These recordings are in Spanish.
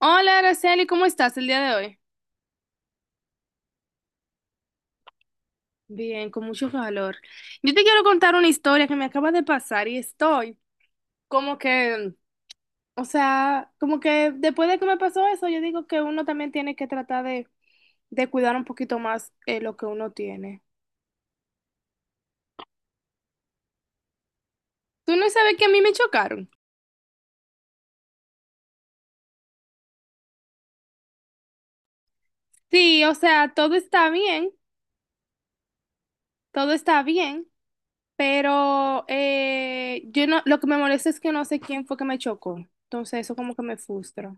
Hola, Araceli, ¿cómo estás el día de hoy? Bien, con mucho calor. Yo te quiero contar una historia que me acaba de pasar y estoy como que, o sea, como que después de que me pasó eso, yo digo que uno también tiene que tratar de cuidar un poquito más lo que uno tiene. ¿Tú no sabes que a mí me chocaron? Sí, o sea, todo está bien, pero yo no, lo que me molesta es que no sé quién fue que me chocó. Entonces eso como que me frustra.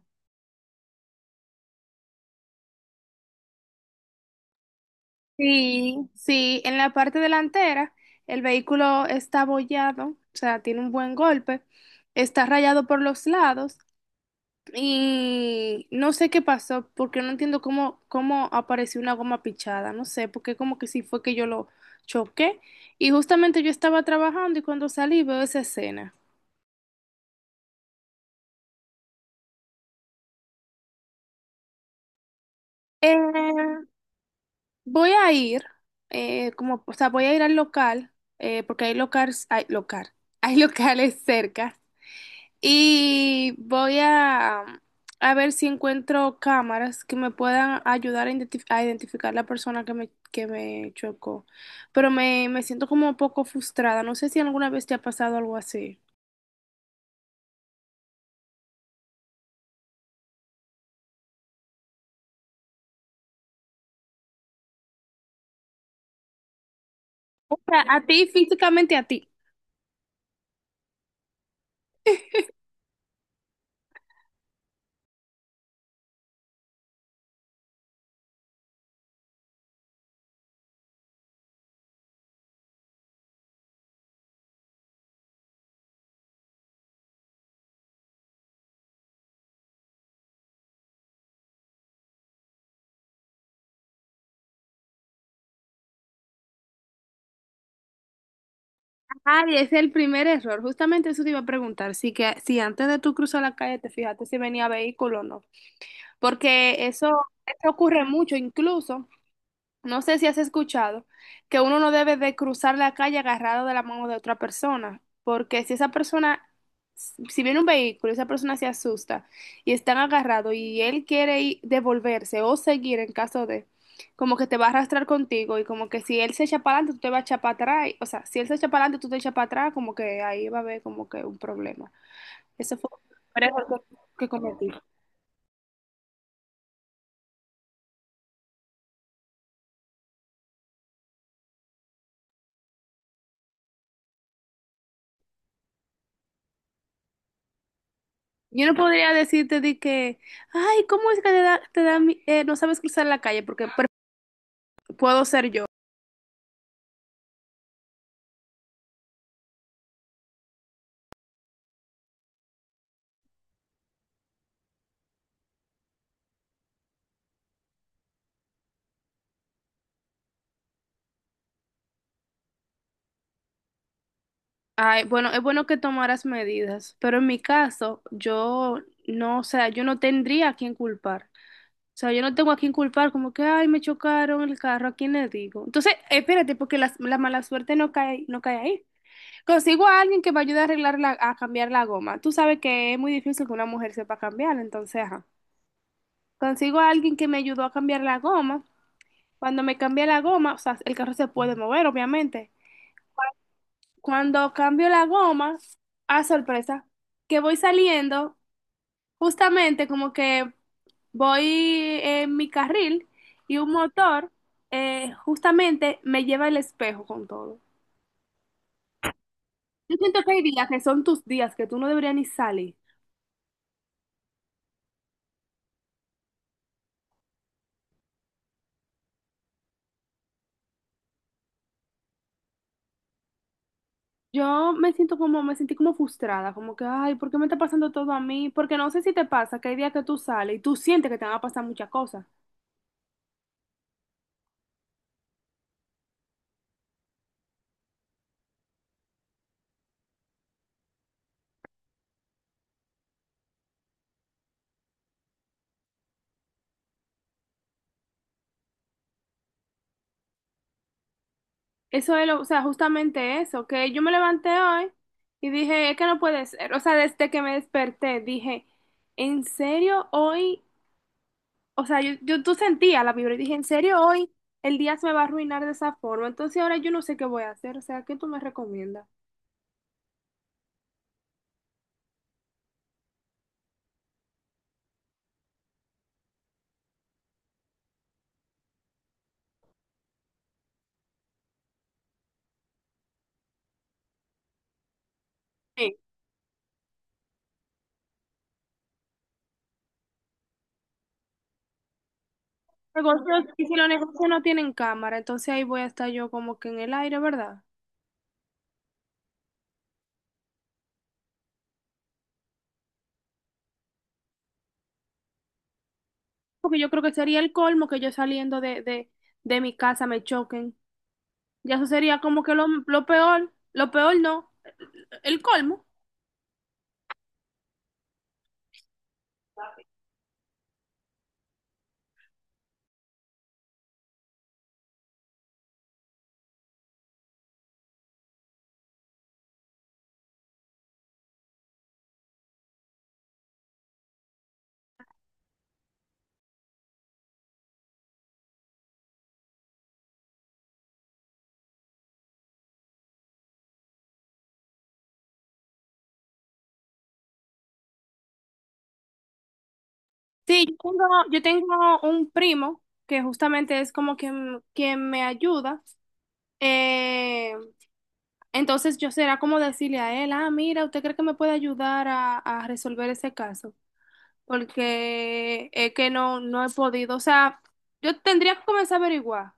Sí, sí, en la parte delantera el vehículo está abollado, o sea, tiene un buen golpe, está rayado por los lados y no sé qué pasó, porque no entiendo cómo apareció una goma pichada, no sé, porque como que sí fue que yo lo choqué y justamente yo estaba trabajando y cuando salí veo esa escena. Eh, voy a ir, como, o sea, voy a ir al local, porque hay locales, hay local, hay locales cerca. Y voy a ver si encuentro cámaras que me puedan ayudar a, a identificar la persona que me chocó. Pero me siento como un poco frustrada. No sé si alguna vez te ha pasado algo así. O sea, a ti, físicamente a ti. Ay, ese es el primer error. Justamente eso te iba a preguntar. Si, que, si antes de tú cruzar la calle te fijaste si venía vehículo o no. Porque eso ocurre mucho, incluso. No sé si has escuchado que uno no debe de cruzar la calle agarrado de la mano de otra persona, porque si esa persona, si viene un vehículo y esa persona se asusta y están agarrados y él quiere devolverse o seguir en caso de, como que te va a arrastrar contigo y como que si él se echa para adelante, tú te vas a echar para atrás, o sea, si él se echa para adelante, tú te echas para atrás, como que ahí va a haber como que un problema. Ese fue un error que cometí. Yo no podría decirte de que, ay, ¿cómo es que te da no sabes cruzar la calle? Porque puedo ser yo. Ay, bueno, es bueno que tomaras medidas, pero en mi caso, yo no, o sea, yo no tendría a quién culpar. O sea, yo no tengo a quién culpar, como que, ay, me chocaron el carro, ¿a quién le digo? Entonces, espérate, porque la mala suerte no cae, no cae ahí. Consigo a alguien que me ayude a arreglar la, a cambiar la goma. Tú sabes que es muy difícil que una mujer sepa cambiar, entonces, ajá. Consigo a alguien que me ayudó a cambiar la goma. Cuando me cambié la goma, o sea, el carro se puede mover, obviamente. Cuando cambio la goma, a sorpresa, que voy saliendo, justamente como que voy en mi carril y un motor justamente me lleva el espejo con todo. Yo siento que hay días que son tus días que tú no deberías ni salir. Yo me siento como, me sentí como frustrada, como que, ay, ¿por qué me está pasando todo a mí? Porque no sé si te pasa que hay días que tú sales y tú sientes que te van a pasar muchas cosas. Eso es lo, o sea, justamente eso, que yo me levanté hoy y dije, es que no puede ser. O sea, desde que me desperté, dije, ¿en serio hoy? O sea, yo tú sentía la vibra y dije, ¿en serio hoy el día se me va a arruinar de esa forma? Entonces ahora yo no sé qué voy a hacer. O sea, ¿qué tú me recomiendas? Sí. Negocios, y si los negocios no tienen cámara, entonces ahí voy a estar yo como que en el aire, ¿verdad? Porque yo creo que sería el colmo que yo saliendo de mi casa me choquen. Ya eso sería como que lo peor no. El colmo. Sí, yo tengo un primo que justamente es como quien, quien me ayuda. Eh, entonces yo será como decirle a él, ah, mira, ¿usted cree que me puede ayudar a resolver ese caso? Porque es que no, no he podido. O sea, yo tendría que comenzar a averiguar.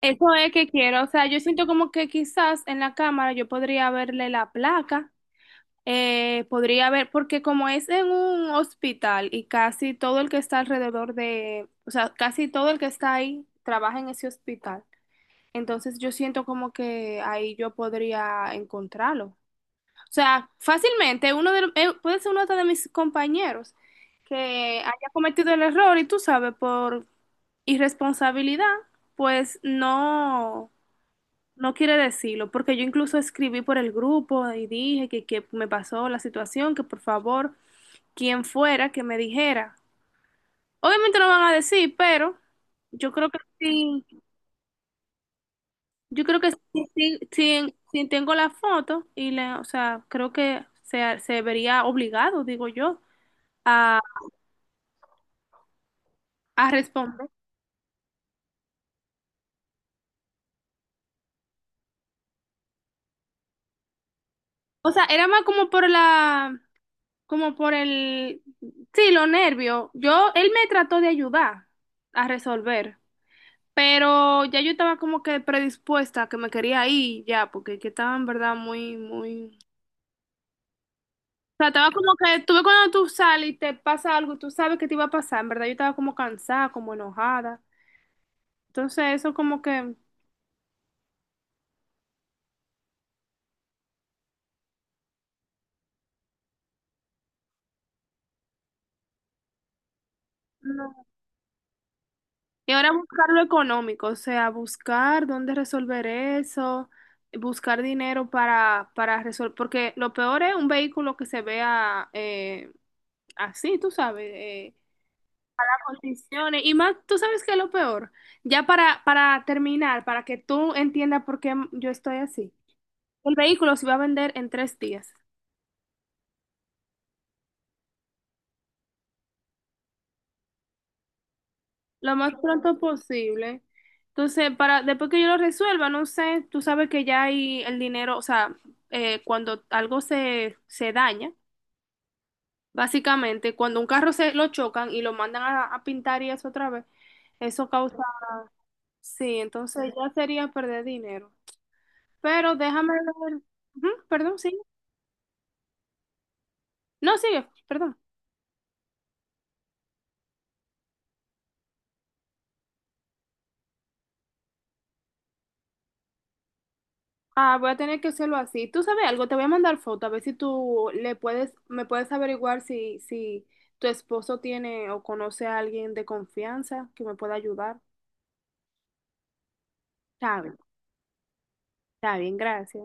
Eso es que quiero. O sea, yo siento como que quizás en la cámara yo podría verle la placa. Podría haber, porque como es en un hospital y casi todo el que está alrededor de, o sea, casi todo el que está ahí trabaja en ese hospital. Entonces yo siento como que ahí yo podría encontrarlo. O sea, fácilmente puede ser uno hasta de mis compañeros que haya cometido el error y tú sabes, por irresponsabilidad, pues no. No quiere decirlo, porque yo incluso escribí por el grupo y dije que me pasó la situación, que por favor, quien fuera que me dijera. Obviamente no van a decir, pero yo creo que sí, yo creo que sí, sí, sí tengo la foto y le, o sea, creo que se vería obligado, digo yo, a, a responder. O sea, era más como por la, como por el, sí, los nervios. Yo, él me trató de ayudar a resolver. Pero ya yo estaba como que predispuesta, a que me quería ir ya, porque que estaba en verdad muy, muy... O sea, estaba como que, tú ves cuando tú sales y te pasa algo, tú sabes que te iba a pasar, en verdad yo estaba como cansada, como enojada. Entonces eso como que... no. Y ahora buscar lo económico, o sea, buscar dónde resolver eso, buscar dinero para resolver, porque lo peor es un vehículo que se vea así, tú sabes. Condiciones. Y más, tú sabes que es lo peor. Ya para terminar, para que tú entiendas por qué yo estoy así. El vehículo se va a vender en 3 días, lo más pronto posible. Entonces, para, después que yo lo resuelva, no sé, tú sabes que ya hay el dinero, o sea, cuando algo se, se daña, básicamente, cuando un carro se lo chocan y lo mandan a pintar y eso otra vez, eso causa, sí, entonces ya sería perder dinero. Pero déjame ver, ujú, perdón, sí. No, sigue, perdón. Ah, voy a tener que hacerlo así. Tú sabes algo, te voy a mandar foto, a ver si tú le puedes, me puedes averiguar si, si tu esposo tiene o conoce a alguien de confianza que me pueda ayudar. Está bien, está bien, gracias.